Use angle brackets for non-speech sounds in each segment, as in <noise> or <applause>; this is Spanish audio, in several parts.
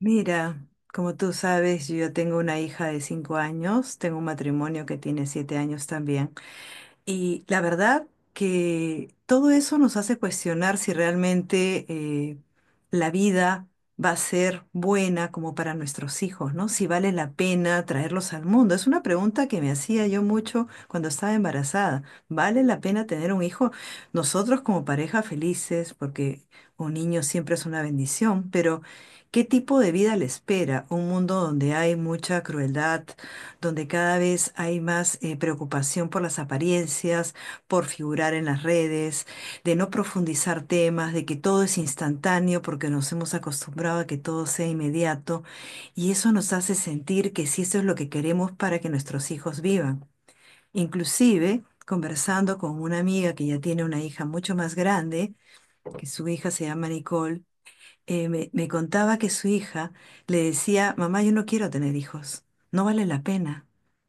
Mira, como tú sabes, yo tengo una hija de 5 años, tengo un matrimonio que tiene 7 años también. Y la verdad que todo eso nos hace cuestionar si realmente la vida va a ser buena como para nuestros hijos, ¿no? Si vale la pena traerlos al mundo. Es una pregunta que me hacía yo mucho cuando estaba embarazada. ¿Vale la pena tener un hijo? Nosotros como pareja felices, porque un niño siempre es una bendición, pero ¿qué tipo de vida le espera? Un mundo donde hay mucha crueldad, donde cada vez hay más preocupación por las apariencias, por figurar en las redes, de no profundizar temas, de que todo es instantáneo porque nos hemos acostumbrado a que todo sea inmediato y eso nos hace sentir que sí, eso es lo que queremos para que nuestros hijos vivan. Inclusive, conversando con una amiga que ya tiene una hija mucho más grande, que su hija se llama Nicole, me contaba que su hija le decía, mamá, yo no quiero tener hijos, no vale la pena,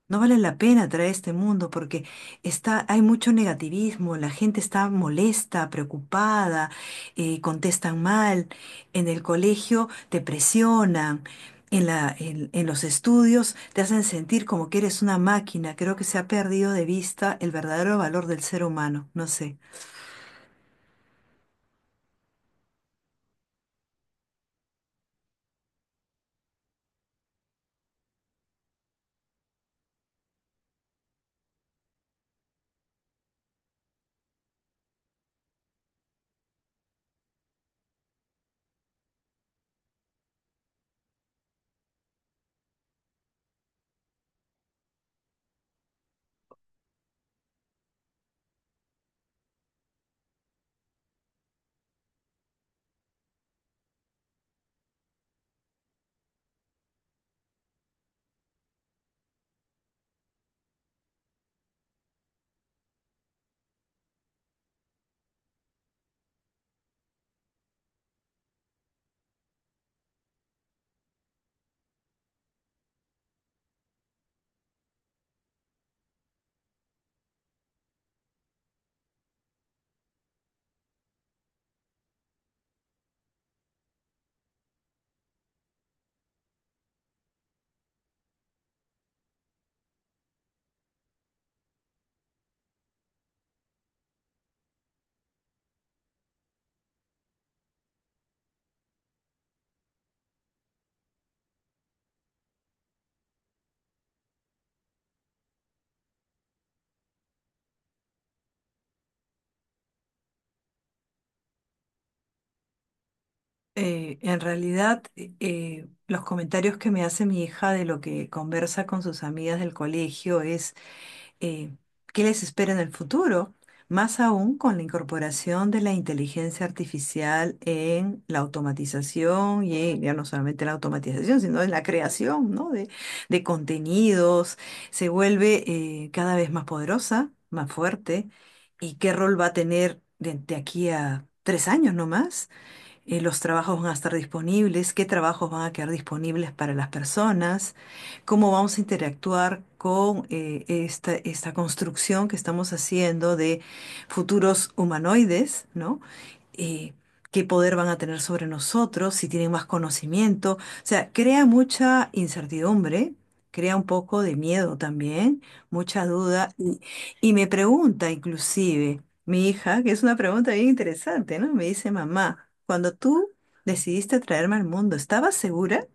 no vale la pena traer este mundo porque hay mucho negativismo, la gente está molesta, preocupada, contestan mal, en el colegio te presionan. En los estudios te hacen sentir como que eres una máquina. Creo que se ha perdido de vista el verdadero valor del ser humano. No sé. En realidad, los comentarios que me hace mi hija de lo que conversa con sus amigas del colegio es eh, qué les espera en el futuro, más aún con la incorporación de la inteligencia artificial en la automatización y ya no solamente la automatización, sino en la creación, ¿no? De contenidos, se vuelve cada vez más poderosa, más fuerte, y qué rol va a tener de aquí a 3 años nomás, los trabajos van a estar disponibles, qué trabajos van a quedar disponibles para las personas, cómo vamos a interactuar con esta construcción que estamos haciendo de futuros humanoides, ¿no? Eh, qué poder van a tener sobre nosotros, si tienen más conocimiento. O sea, crea mucha incertidumbre, crea un poco de miedo también, mucha duda. Y me pregunta inclusive. Mi hija, que es una pregunta bien interesante, ¿no? Me dice, mamá, cuando tú decidiste traerme al mundo, ¿estabas segura?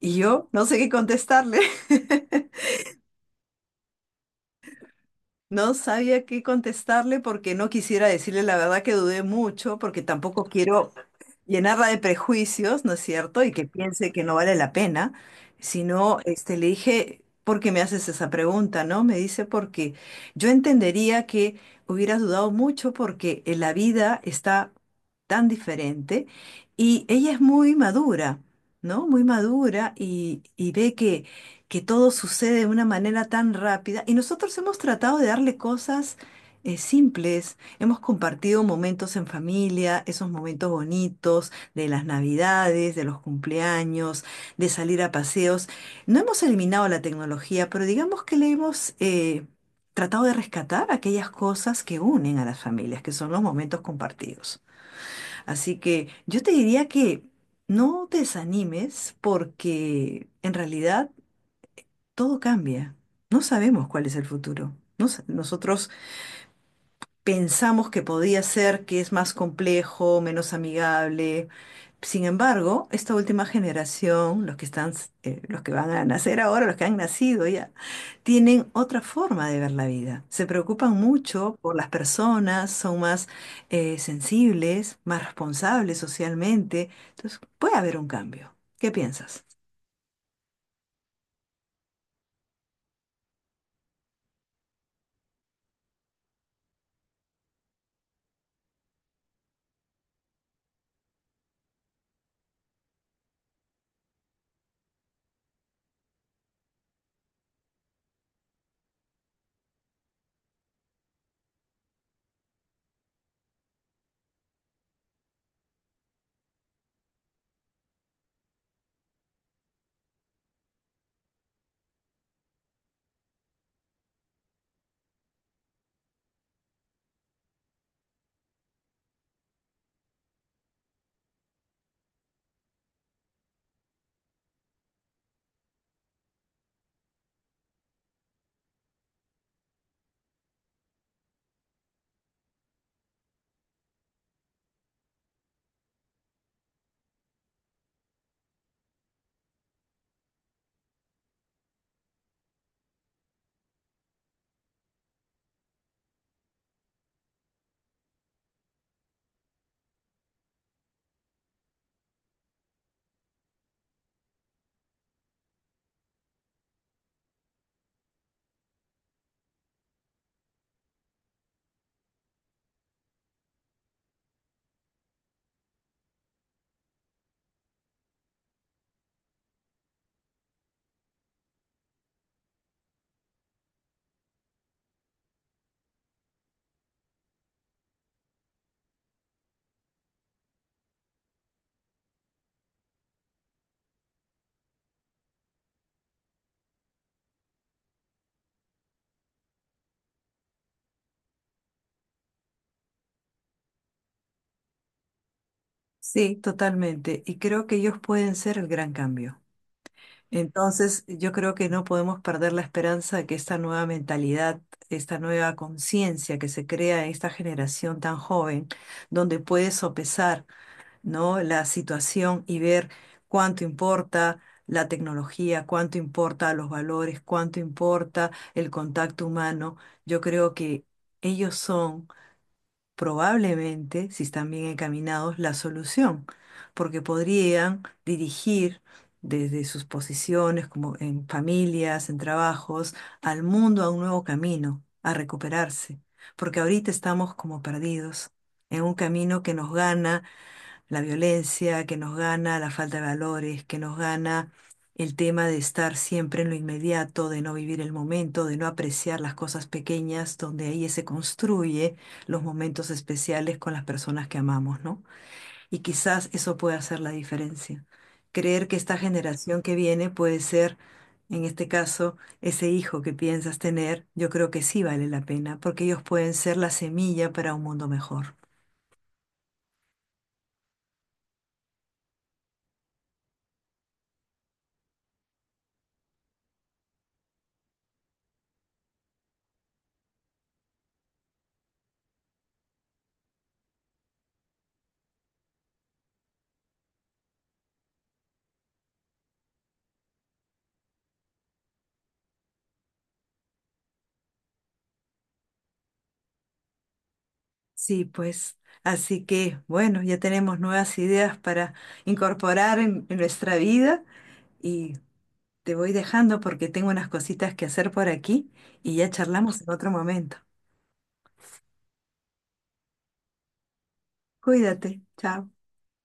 Y yo no sé qué contestarle. <laughs> No sabía qué contestarle porque no quisiera decirle la verdad que dudé mucho, porque tampoco quiero llenarla de prejuicios, ¿no es cierto? Y que piense que no vale la pena, sino este, le dije, ¿por qué me haces esa pregunta, no? Me dice, porque yo entendería que hubieras dudado mucho porque en la vida está tan diferente y ella es muy madura, ¿no? Muy madura y ve que todo sucede de una manera tan rápida y nosotros hemos tratado de darle cosas simples, hemos compartido momentos en familia, esos momentos bonitos de las navidades, de los cumpleaños, de salir a paseos. No hemos eliminado la tecnología, pero digamos que le hemos tratado de rescatar aquellas cosas que unen a las familias, que son los momentos compartidos. Así que yo te diría que no te desanimes porque en realidad todo cambia. No sabemos cuál es el futuro. Nosotros pensamos que podía ser que es más complejo, menos amigable. Sin embargo, esta última generación, los que están, los que van a nacer ahora, los que han nacido ya, tienen otra forma de ver la vida. Se preocupan mucho por las personas, son más sensibles, más responsables socialmente. Entonces, puede haber un cambio. ¿Qué piensas? Sí, totalmente. Y creo que ellos pueden ser el gran cambio. Entonces, yo creo que no podemos perder la esperanza de que esta nueva mentalidad, esta nueva conciencia que se crea en esta generación tan joven, donde puede sopesar, ¿no? la situación y ver cuánto importa la tecnología, cuánto importa los valores, cuánto importa el contacto humano, yo creo que ellos son probablemente, si están bien encaminados, la solución, porque podrían dirigir desde sus posiciones, como en familias, en trabajos, al mundo a un nuevo camino, a recuperarse, porque ahorita estamos como perdidos en un camino que nos gana la violencia que nos gana, la falta de valores que nos gana, el tema de estar siempre en lo inmediato, de no vivir el momento, de no apreciar las cosas pequeñas, donde ahí se construye los momentos especiales con las personas que amamos, ¿no? Y quizás eso puede hacer la diferencia. Creer que esta generación que viene puede ser, en este caso, ese hijo que piensas tener, yo creo que sí vale la pena, porque ellos pueden ser la semilla para un mundo mejor. Sí, pues, así que bueno, ya tenemos nuevas ideas para incorporar en nuestra vida y te voy dejando porque tengo unas cositas que hacer por aquí y ya charlamos en otro momento. Cuídate, chao.